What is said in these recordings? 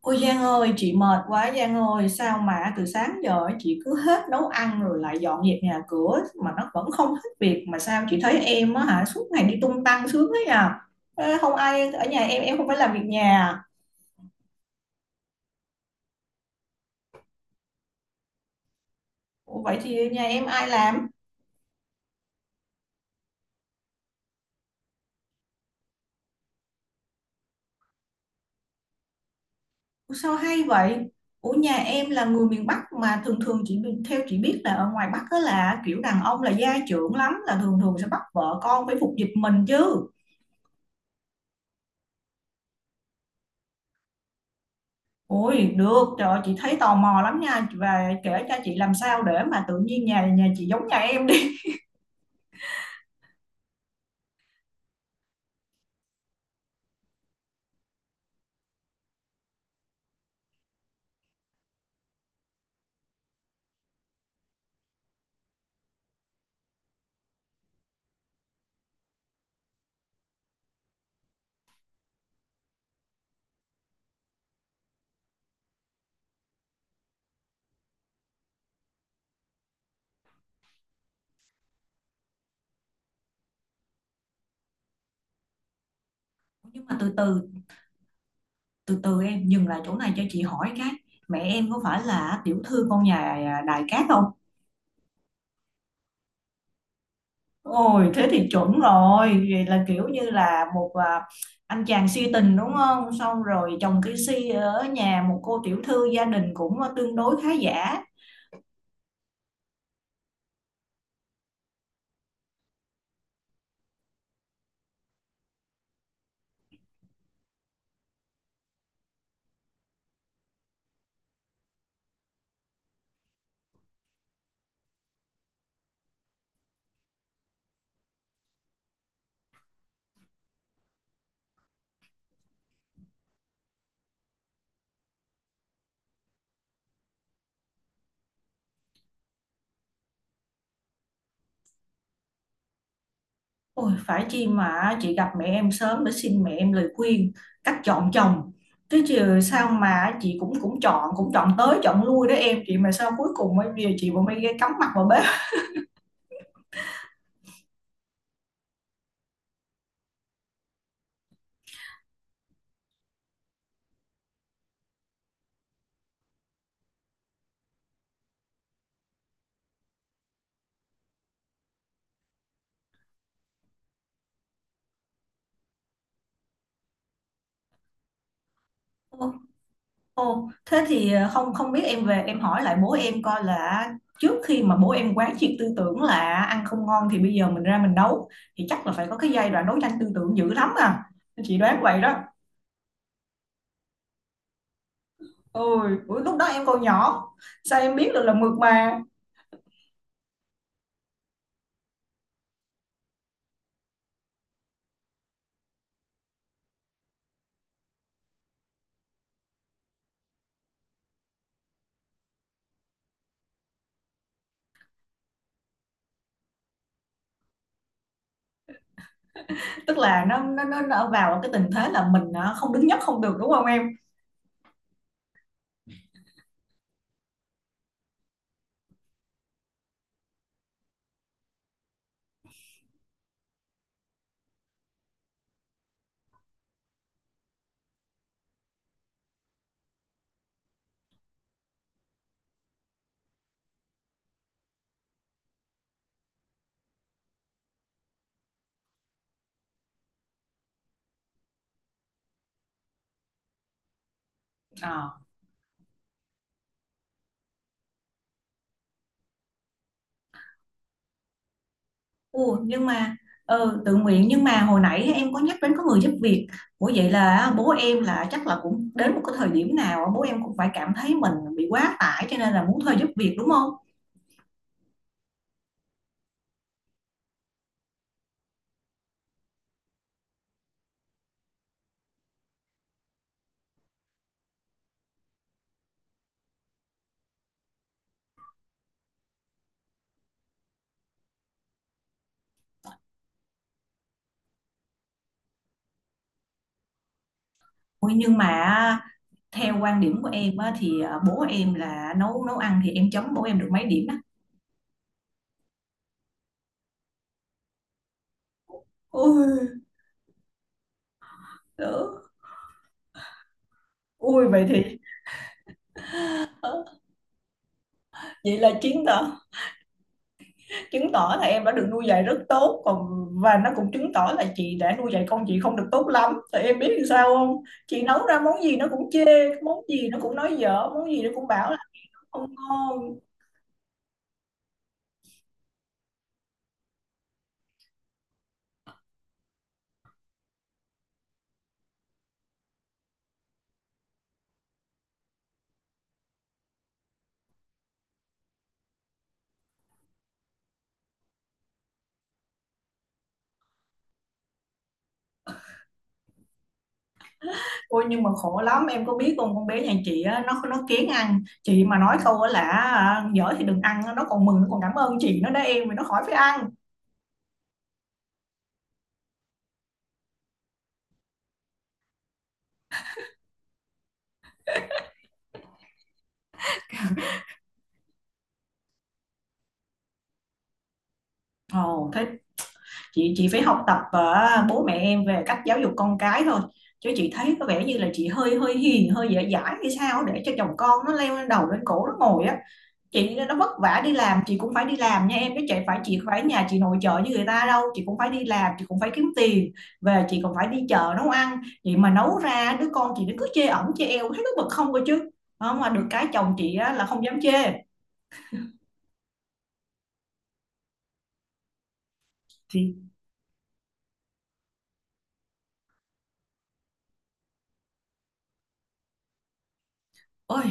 Ôi Giang ơi, chị mệt quá Giang ơi, sao mà từ sáng giờ ấy chị cứ hết nấu ăn rồi lại dọn dẹp nhà cửa mà nó vẫn không hết việc, mà sao chị thấy em á hả, suốt ngày đi tung tăng sướng thế à? Ê, không ai ở nhà em không phải làm việc nhà à? Ủa, vậy thì nhà em ai làm? Ủa, sao hay vậy? Ủa nhà em là người miền Bắc mà thường thường chị theo chị biết là ở ngoài Bắc đó là kiểu đàn ông là gia trưởng lắm, là thường thường sẽ bắt vợ con phải phục dịch mình chứ. Ôi được, trời ơi, chị thấy tò mò lắm nha, và kể cho chị làm sao để mà tự nhiên nhà nhà chị giống nhà em đi. Nhưng mà từ từ, từ từ em dừng lại chỗ này cho chị hỏi cái mẹ em có phải là tiểu thư con nhà Đại Cát không? Ôi thế thì chuẩn rồi, vậy là kiểu như là một anh chàng si tình đúng không? Xong rồi chồng cái si ở nhà một cô tiểu thư gia đình cũng tương đối khá giả. Ôi, phải chi mà chị gặp mẹ em sớm để xin mẹ em lời khuyên cách chọn chồng, chứ chứ sao mà chị cũng cũng chọn, chọn tới chọn lui đó em chị, mà sao cuối cùng bây giờ chị vẫn phải ghé cắm mặt vào bếp. Ô, ô, Thế thì không, không biết em về em hỏi lại bố em coi là trước khi mà bố em quán triệt tư tưởng là ăn không ngon thì bây giờ mình ra mình nấu, thì chắc là phải có cái giai đoạn đấu tranh tư tưởng dữ lắm à, chị đoán vậy đó. Ôi ủa, lúc đó em còn nhỏ sao em biết được là mượt mà. Tức là nó vào cái tình thế là mình không đứng nhất không được đúng không em? Ờ. Ủa, nhưng mà ừ, tự nguyện, nhưng mà hồi nãy em có nhắc đến có người giúp việc. Ủa vậy là bố em là chắc là cũng đến một cái thời điểm nào bố em cũng phải cảm thấy mình bị quá tải cho nên là muốn thuê giúp việc đúng không? Ủa, nhưng mà theo quan điểm của em á, thì bố em là nấu nấu ăn thì em chấm bố em được mấy điểm á? Ui, đó. Ui vậy thì ờ, vậy là chiến thắng, chứng tỏ là em đã được nuôi dạy rất tốt. Còn và nó cũng chứng tỏ là chị đã nuôi dạy con chị không được tốt lắm, thì em biết làm sao không, chị nấu ra món gì nó cũng chê, món gì nó cũng nói dở, món gì nó cũng bảo là không ngon. Ôi nhưng mà khổ lắm em có biết không, con bé nhà chị á, nó kén ăn, chị mà nói câu á là dở thì đừng ăn á, nó còn mừng, nó còn cảm ơn chị nó đó em, mà nó khỏi phải ăn. Ồ thế chị phải học tập bố mẹ em về cách giáo dục con cái thôi, chứ chị thấy có vẻ như là chị hơi hơi hiền, hơi dễ dãi hay sao để cho chồng con nó leo lên đầu lên cổ nó ngồi á. Chị nó vất vả đi làm, chị cũng phải đi làm nha em, chứ chị phải, chị phải nhà chị nội trợ như người ta đâu, chị cũng phải đi làm, chị cũng phải kiếm tiền, về chị còn phải đi chợ nấu ăn. Chị mà nấu ra đứa con chị nó cứ chê ẩm chê eo, thấy nó bực không cơ chứ. Không, mà được cái chồng chị á, là không dám chê. Thì ôi,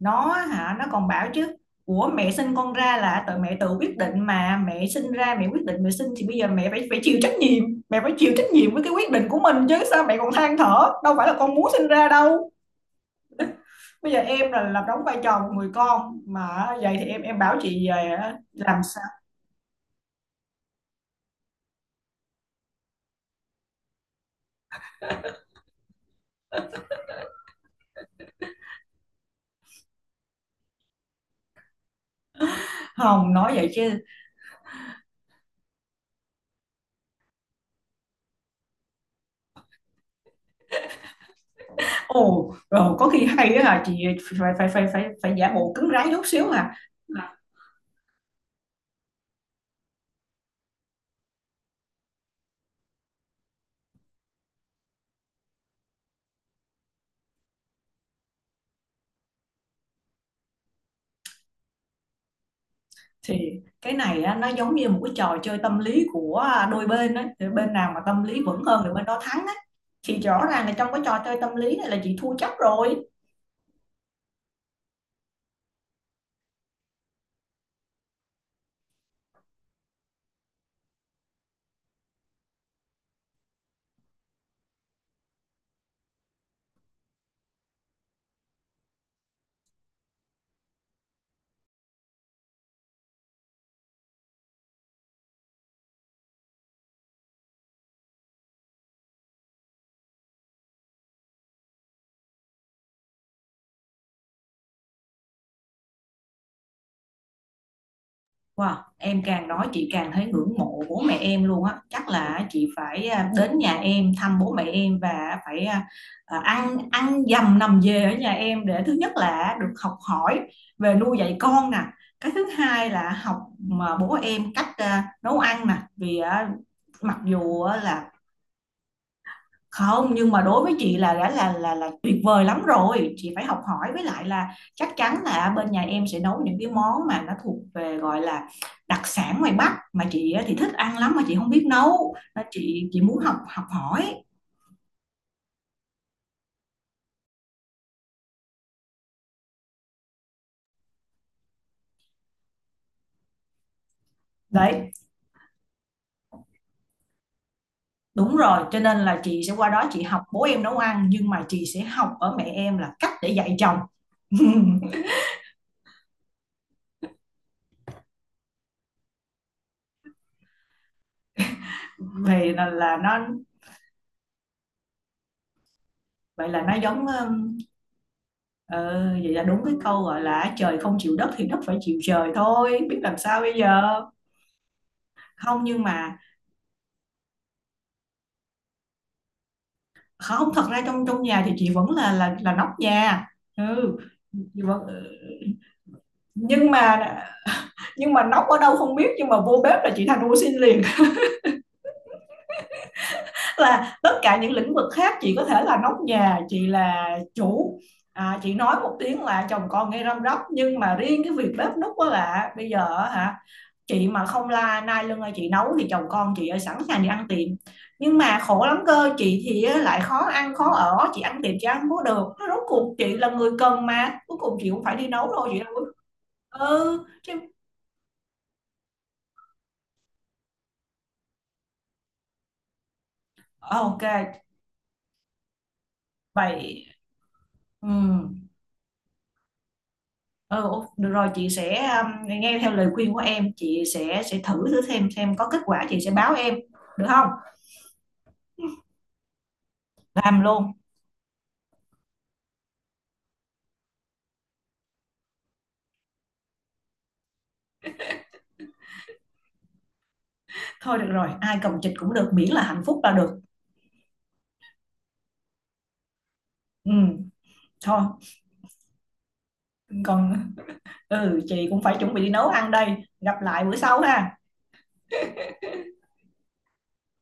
nó hả, nó còn bảo chứ của mẹ sinh con ra là tự mẹ tự quyết định, mà mẹ sinh ra mẹ quyết định mẹ sinh thì bây giờ mẹ phải, phải chịu trách nhiệm, mẹ phải chịu trách nhiệm với cái quyết định của mình chứ sao mẹ còn than thở, đâu phải là con muốn sinh ra đâu. Bây giờ em là làm đóng vai trò một người con mà vậy thì em bảo chị về làm sao? Không nói vậy chứ. Ồ rồi có khi hay á hả chị, phải phải phải, phải phải giả bộ cứng rắn chút xíu hả? Thì cái này á, nó giống như một cái trò chơi tâm lý của đôi bên ấy. Thì bên nào mà tâm lý vững hơn thì bên đó thắng ấy. Thì rõ ràng là trong cái trò chơi tâm lý này là chị thua chắc rồi. Wow em càng nói chị càng thấy ngưỡng mộ bố mẹ em luôn á, chắc là chị phải đến nhà em thăm bố mẹ em và phải ăn ăn dầm nằm về ở nhà em để thứ nhất là được học hỏi về nuôi dạy con nè, cái thứ hai là học mà bố em cách nấu ăn nè, vì mặc dù là không, nhưng mà đối với chị là đã là là tuyệt vời lắm rồi, chị phải học hỏi. Với lại là chắc chắn là bên nhà em sẽ nấu những cái món mà nó thuộc về gọi là đặc sản ngoài Bắc mà chị á thì thích ăn lắm mà chị không biết nấu. Nên chị muốn học, học hỏi. Đấy đúng rồi, cho nên là chị sẽ qua đó chị học bố em nấu ăn, nhưng mà chị sẽ học ở mẹ em là cách để dạy chồng. Thì là nó, vậy là nó giống, ừ vậy là đúng cái câu gọi là trời không chịu đất thì đất phải chịu trời thôi, biết làm sao bây giờ. Không nhưng mà không, thật ra trong trong nhà thì chị vẫn là là nóc nhà. Ừ chị vẫn ừ, nhưng mà, nhưng mà nóc ở đâu không biết nhưng mà vô bếp là chị thành ô xin liền. Là tất cả những lĩnh vực khác chị có thể là nóc nhà, chị là chủ, chị nói một tiếng là chồng con nghe răm rắp, nhưng mà riêng cái việc bếp núc đó là bây giờ á hả, chị mà không la nai lưng ơi chị nấu thì chồng con chị ơi sẵn sàng đi ăn tiệm. Nhưng mà khổ lắm cơ, chị thì á, lại khó ăn khó ở, chị ăn tiệm chị ăn không có được, nó rốt cuộc chị là người cần mà cuối cùng chị cũng phải đi nấu thôi, chị đâu có- Ừ chứ. Ờ, ok. Vậy ừ, ừ ô- được rồi chị sẽ nghe theo lời khuyên của em, chị sẽ thử, thử xem có kết quả chị sẽ báo em được không. Làm luôn. Thôi được rồi ai cầm chịch cũng được miễn là hạnh phúc là được. Ừ thôi còn, ừ chị cũng phải chuẩn bị đi nấu ăn đây, gặp lại bữa sau ha.